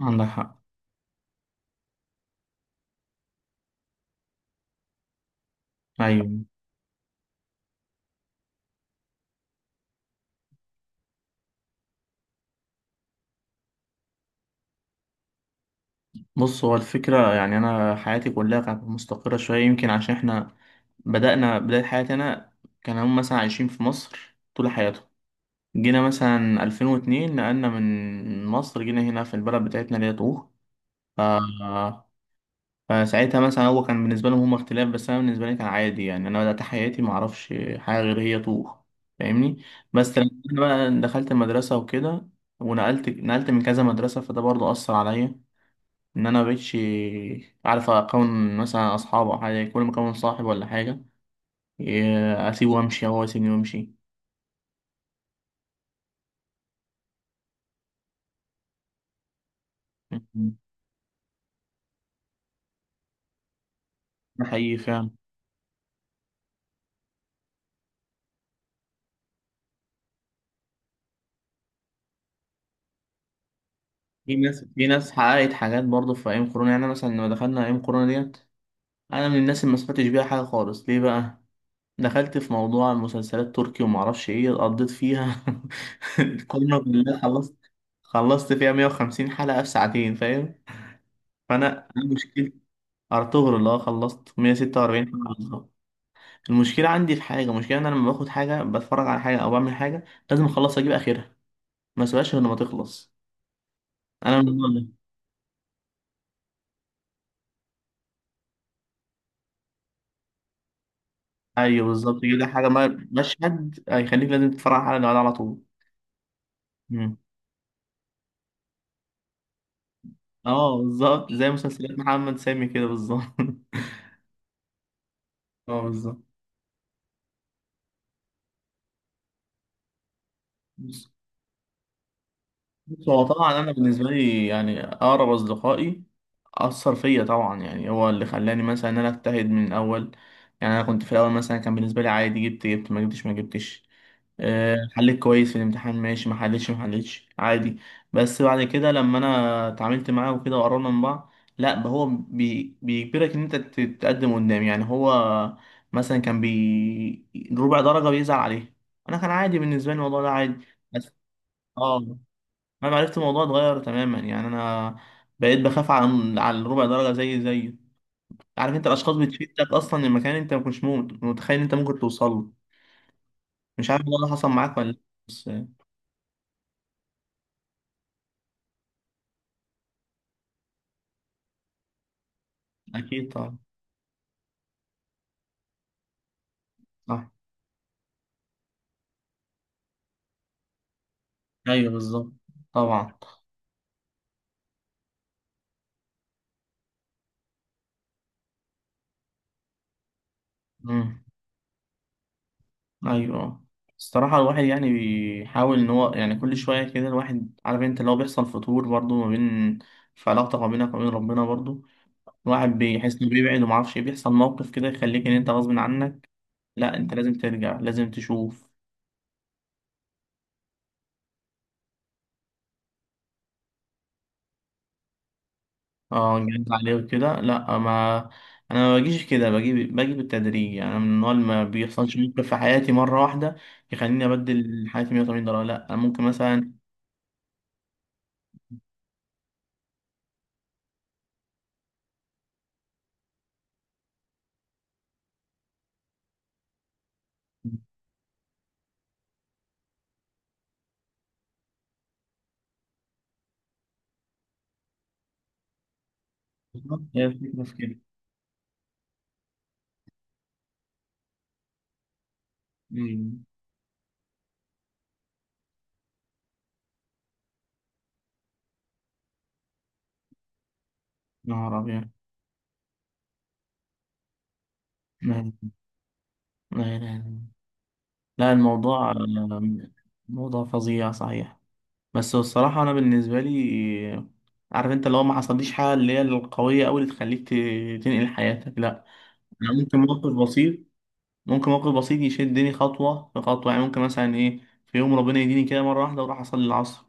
عندك حق. أيوة، بص، هو الفكرة يعني أنا حياتي كلها كانت مستقرة شوية، يمكن عشان إحنا بدأنا بداية حياتي. أنا كان هم مثلا عايشين في مصر طول حياتهم، جينا مثلا 2002 نقلنا من مصر جينا هنا في البلد بتاعتنا اللي هي طوخ. ف... فساعتها مثلا هو كان بالنسبة لهم هم اختلاف، بس أنا بالنسبة لي كان عادي، يعني أنا بدأت حياتي معرفش حاجة غير هي طوخ. فاهمني؟ بس لما أنا بقى دخلت المدرسة وكده، ونقلت نقلت من كذا مدرسة، فده برضه أثر عليا، ان انا مبقتش عارف اكون مثلا اصحاب او حاجه، كل ما اكون صاحب ولا حاجه إيه، اسيبه وامشي او هو يسيبني وامشي. ده حقيقي فعلا. في ناس حققت حاجات برضه في ايام كورونا. يعني أنا مثلا لما دخلنا ايام كورونا ديت، انا من الناس اللي ما سمعتش بيها حاجه خالص. ليه بقى؟ دخلت في موضوع المسلسلات تركي وما اعرفش ايه، قضيت فيها الكورونا بالله. خلصت فيها 150 حلقه في ساعتين. فاهم؟ فانا مشكلتي ارطغرل اللي هو خلصت 146 حلقه بالظبط. المشكلة عندي في حاجة، المشكلة إن أنا لما باخد حاجة، بتفرج على حاجة أو بعمل حاجة، لازم أخلص أجيب آخرها، ما أسيبهاش غير لما تخلص. أنا من النوع ده. أيوه، بالظبط كده حاجة، مشهد هيخليك لازم تتفرج على اللي بعدها على طول. مم. أه، بالظبط زي مسلسلات محمد سامي كده بالظبط. أه، بالظبط. بص بص، هو طبعا أنا بالنسبة لي يعني أقرب أصدقائي أثر فيا طبعا، يعني هو اللي خلاني مثلا إن أنا أجتهد من الأول. يعني أنا كنت في الأول مثلا كان بالنسبة لي عادي، جبت ما جبتش ما جبتش، حليت كويس في الامتحان ماشي، ما حليتش ما حليتش، عادي. بس بعد كده لما انا اتعاملت معاه وكده وقررنا من بعض، لا هو بيجبرك ان انت تتقدم قدام، يعني هو مثلا كان ربع درجة بيزعل عليه. انا كان عادي بالنسبة لي الموضوع ده، عادي. بس اه، انا عرفت الموضوع اتغير تماما. يعني انا بقيت بخاف على الربع درجة، زي عارف انت الاشخاص بتشدك اصلا لمكان انت ما كنتش متخيل انت ممكن توصل له. مش عارف الموضوع ده حصل معاك ولا لا. بس اكيد طبعا. صح. ايوه بالظبط. طبعا. امم. ايوه. الصراحه الواحد يعني بيحاول ان هو، يعني كل شويه كده الواحد، عارف انت لو بيحصل فتور برضو ما بين، في علاقتك ما بينك وبين ربنا برضو، الواحد بيحس انه بيبعد وما اعرفش إيه، بيحصل موقف كده يخليك ان انت غصب عنك، لا انت لازم ترجع، لازم تشوف. اه جد عليه وكده، لا ما، انا ما بجيش كده، باجي باجي بالتدريج، يعني أنا من النوع اللي ما بيحصلش موقف في حياتي مره واحده يخليني ابدل حياتي 180 درجه، لا انا ممكن مثلا. بالظبط، هي الفكرة في كده. أمم. نهار أبيض. لا، لا، لا، لا، لا، الموضوع، موضوع فظيع صحيح. بس هو الصراحة أنا بالنسبة لي، عارف أنت لو ما حصليش حاجة اللي هي القوية أوي اللي تخليك تنقل حياتك، لا. أنا ممكن موقف بسيط، ممكن موقف بسيط يشدني خطوة في خطوة. يعني ممكن مثلا إيه، في يوم ربنا يديني كده مرة واحدة وأروح أصلي العصر،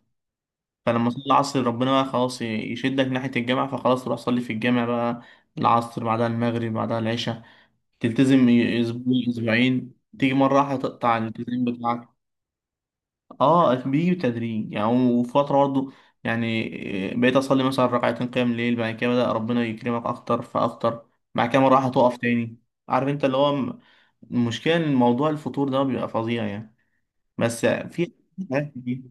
فلما أصلي العصر ربنا بقى خلاص يشدك ناحية الجامع، فخلاص تروح أصلي في الجامع بقى. العصر بعدها المغرب بعدها العشاء، تلتزم اسبوع اسبوعين، تيجي مره واحده تقطع الالتزام بتاعك. اه، بيجي بتدريج يعني، وفتره برضه، يعني بقيت اصلي مثلا ركعتين قيام الليل، بعد كده بدا ربنا يكرمك اكتر فاكتر، بعد كده مره واحده تقف تاني. عارف انت اللي هو المشكله ان موضوع الفطور ده بيبقى فظيع يعني. بس في حاجات كتير.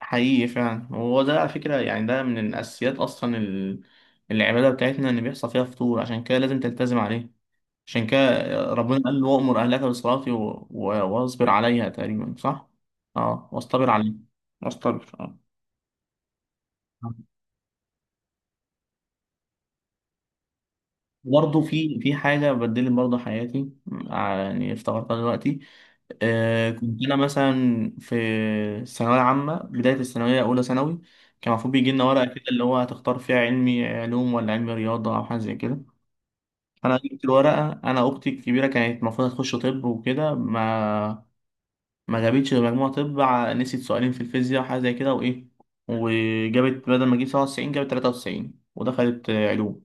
حقيقي فعلا. هو ده على فكره يعني ده من الاساسيات اصلا، العباده بتاعتنا ان بيحصل فيها فطور، عشان كده لازم تلتزم عليه. عشان كده ربنا قال له: وأمر أهلك بالصلاة واصبر عليها، تقريبا صح؟ اه، واصطبر عليها، واصطبر اه. برضه في حاجة بدلت برضه حياتي، يعني افتكرتها دلوقتي. كنت أنا مثلا في الثانوية العامة، بداية الثانوية، أولى ثانوي، كان المفروض بيجي لنا ورقة كده اللي هو هتختار فيها علمي علوم ولا علمي رياضة أو حاجة زي كده. أنا جبت الورقة، أنا أختي الكبيرة كانت المفروض هتخش طب وكده، ما جابتش غير مجموع طب، نسيت سؤالين في الفيزياء وحاجة زي كده وإيه، وجابت بدل ما تجيب 97 جابت 93 ودخلت علوم.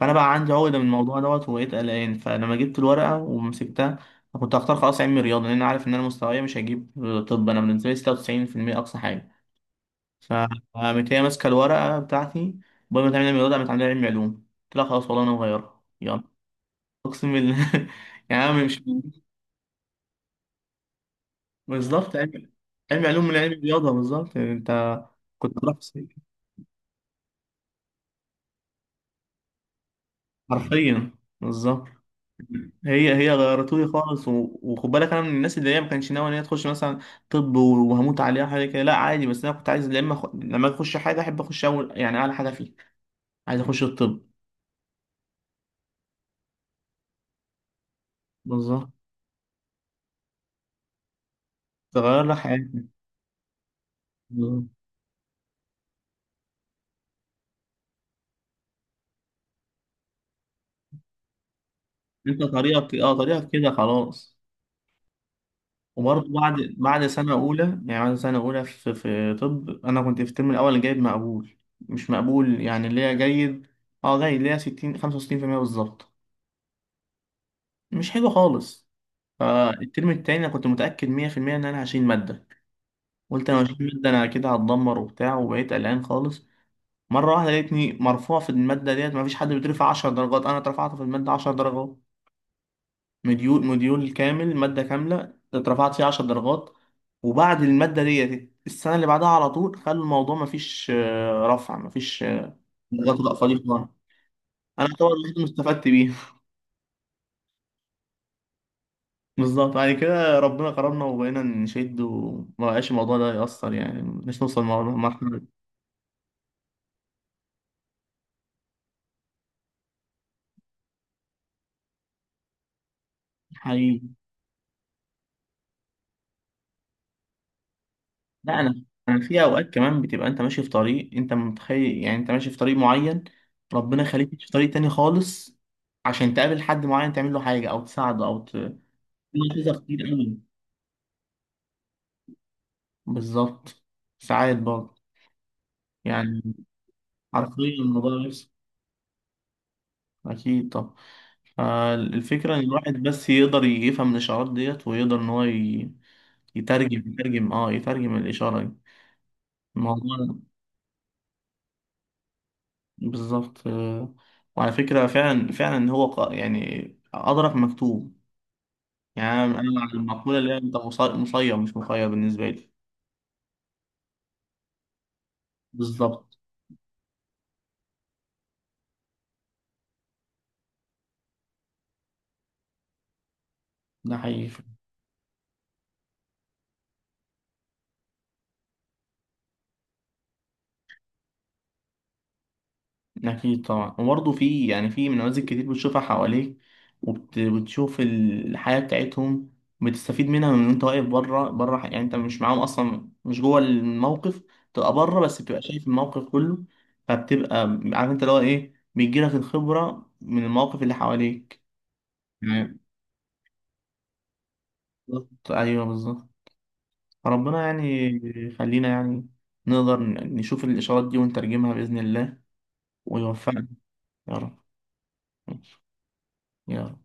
فأنا بقى عندي عقدة من الموضوع دوت، وبقيت قلقان. فلما جبت الورقة ومسكتها، كنت هختار خلاص علمي رياضة، لأن أنا عارف إن أنا مستواي مش هجيب طب، أنا بالنسبة لي 96% أقصى حاجة. فقامت هي ماسكة الورقة بتاعتي، بدل ما تعمل علمي رياضة قامت عاملة علمي علوم. قلت لها خلاص والله أنا مغيرها، يلا. أقسم بالله. يعني أنا مش، بالظبط علمي علوم من علمي رياضة، بالظبط. انت كنت بروح الصيف. حرفيا بالظبط. هي غيرتولي خالص، وخد بالك انا من الناس اللي هي ما كانش ناوي ان هي تخش مثلا طب وهموت عليها حاجه كده، لا عادي، بس انا كنت عايز لما لما اخش حاجه احب اخش اول يعني اعلى حاجه فيها. عايز اخش الطب. بالظبط، تغير لك حياتك بالظبط. انت طريقك، اه طريقك كده خلاص. وبرضه بعد سنه اولى، يعني بعد سنه اولى في طب، انا كنت في الترم الاول جايب مقبول، مش مقبول يعني، اللي هي جيد. اه، جيد اللي هي 60 65% بالظبط. مش حلو خالص. فالترم التاني انا كنت متاكد 100% ان انا هشيل ماده. قلت انا هشيل ماده، انا كده هتدمر وبتاع، وبقيت قلقان خالص. مره واحده لقيتني مرفوع في الماده ديت، مفيش حد بيترفع 10 درجات، انا اترفعت في الماده 10 درجات. مديول كامل، ماده كامله اترفعت فيها 10 درجات. وبعد الماده ديت، السنه اللي بعدها على طول خلوا الموضوع مفيش رفع، مفيش درجات ولا فاضي خالص. انا طبعا الوحيد اللي استفدت بيها، بالظبط. بعد كده ربنا كرمنا وبقينا نشد، وما بقاش الموضوع ده يأثر يعني، مش نوصل لمرحلة. حقيقي. لا أنا، في أوقات كمان بتبقى أنت ماشي في طريق، أنت متخيل يعني أنت ماشي في طريق معين، ربنا يخليك تمشي في طريق تاني خالص عشان تقابل حد معين تعمل له حاجة أو تساعده أو تظهر كتير أوي. بالظبط. ساعات برضه يعني، حرفيا الموضوع بيحصل. أكيد. طب الفكرة إن الواحد بس يقدر يفهم الإشارات ديت ويقدر إن هو يترجم الإشارة دي، الموضوع ده، بالظبط، آه. وعلى فكرة، فعلا فعلا هو يعني أدرك مكتوب. يعني أنا على المقولة اللي هي أنت مصير مش مخير بالنسبة لي. بالظبط. ده حقيقي. أكيد طبعا. وبرضه في، يعني في نماذج كتير بتشوفها حواليك، وبتشوف الحياة بتاعتهم، بتستفيد منها، من وأنت واقف بره بره، يعني أنت مش معاهم أصلا، مش جوه الموقف، تبقى بره بس بتبقى شايف الموقف كله. فبتبقى عارف أنت اللي هو إيه، بيجيلك الخبرة من المواقف اللي حواليك. تمام. بالظبط، أيوه بالظبط. ربنا يعني يخلينا يعني نقدر نشوف الإشارات دي ونترجمها بإذن الله، ويوفقنا. يا رب، يا رب.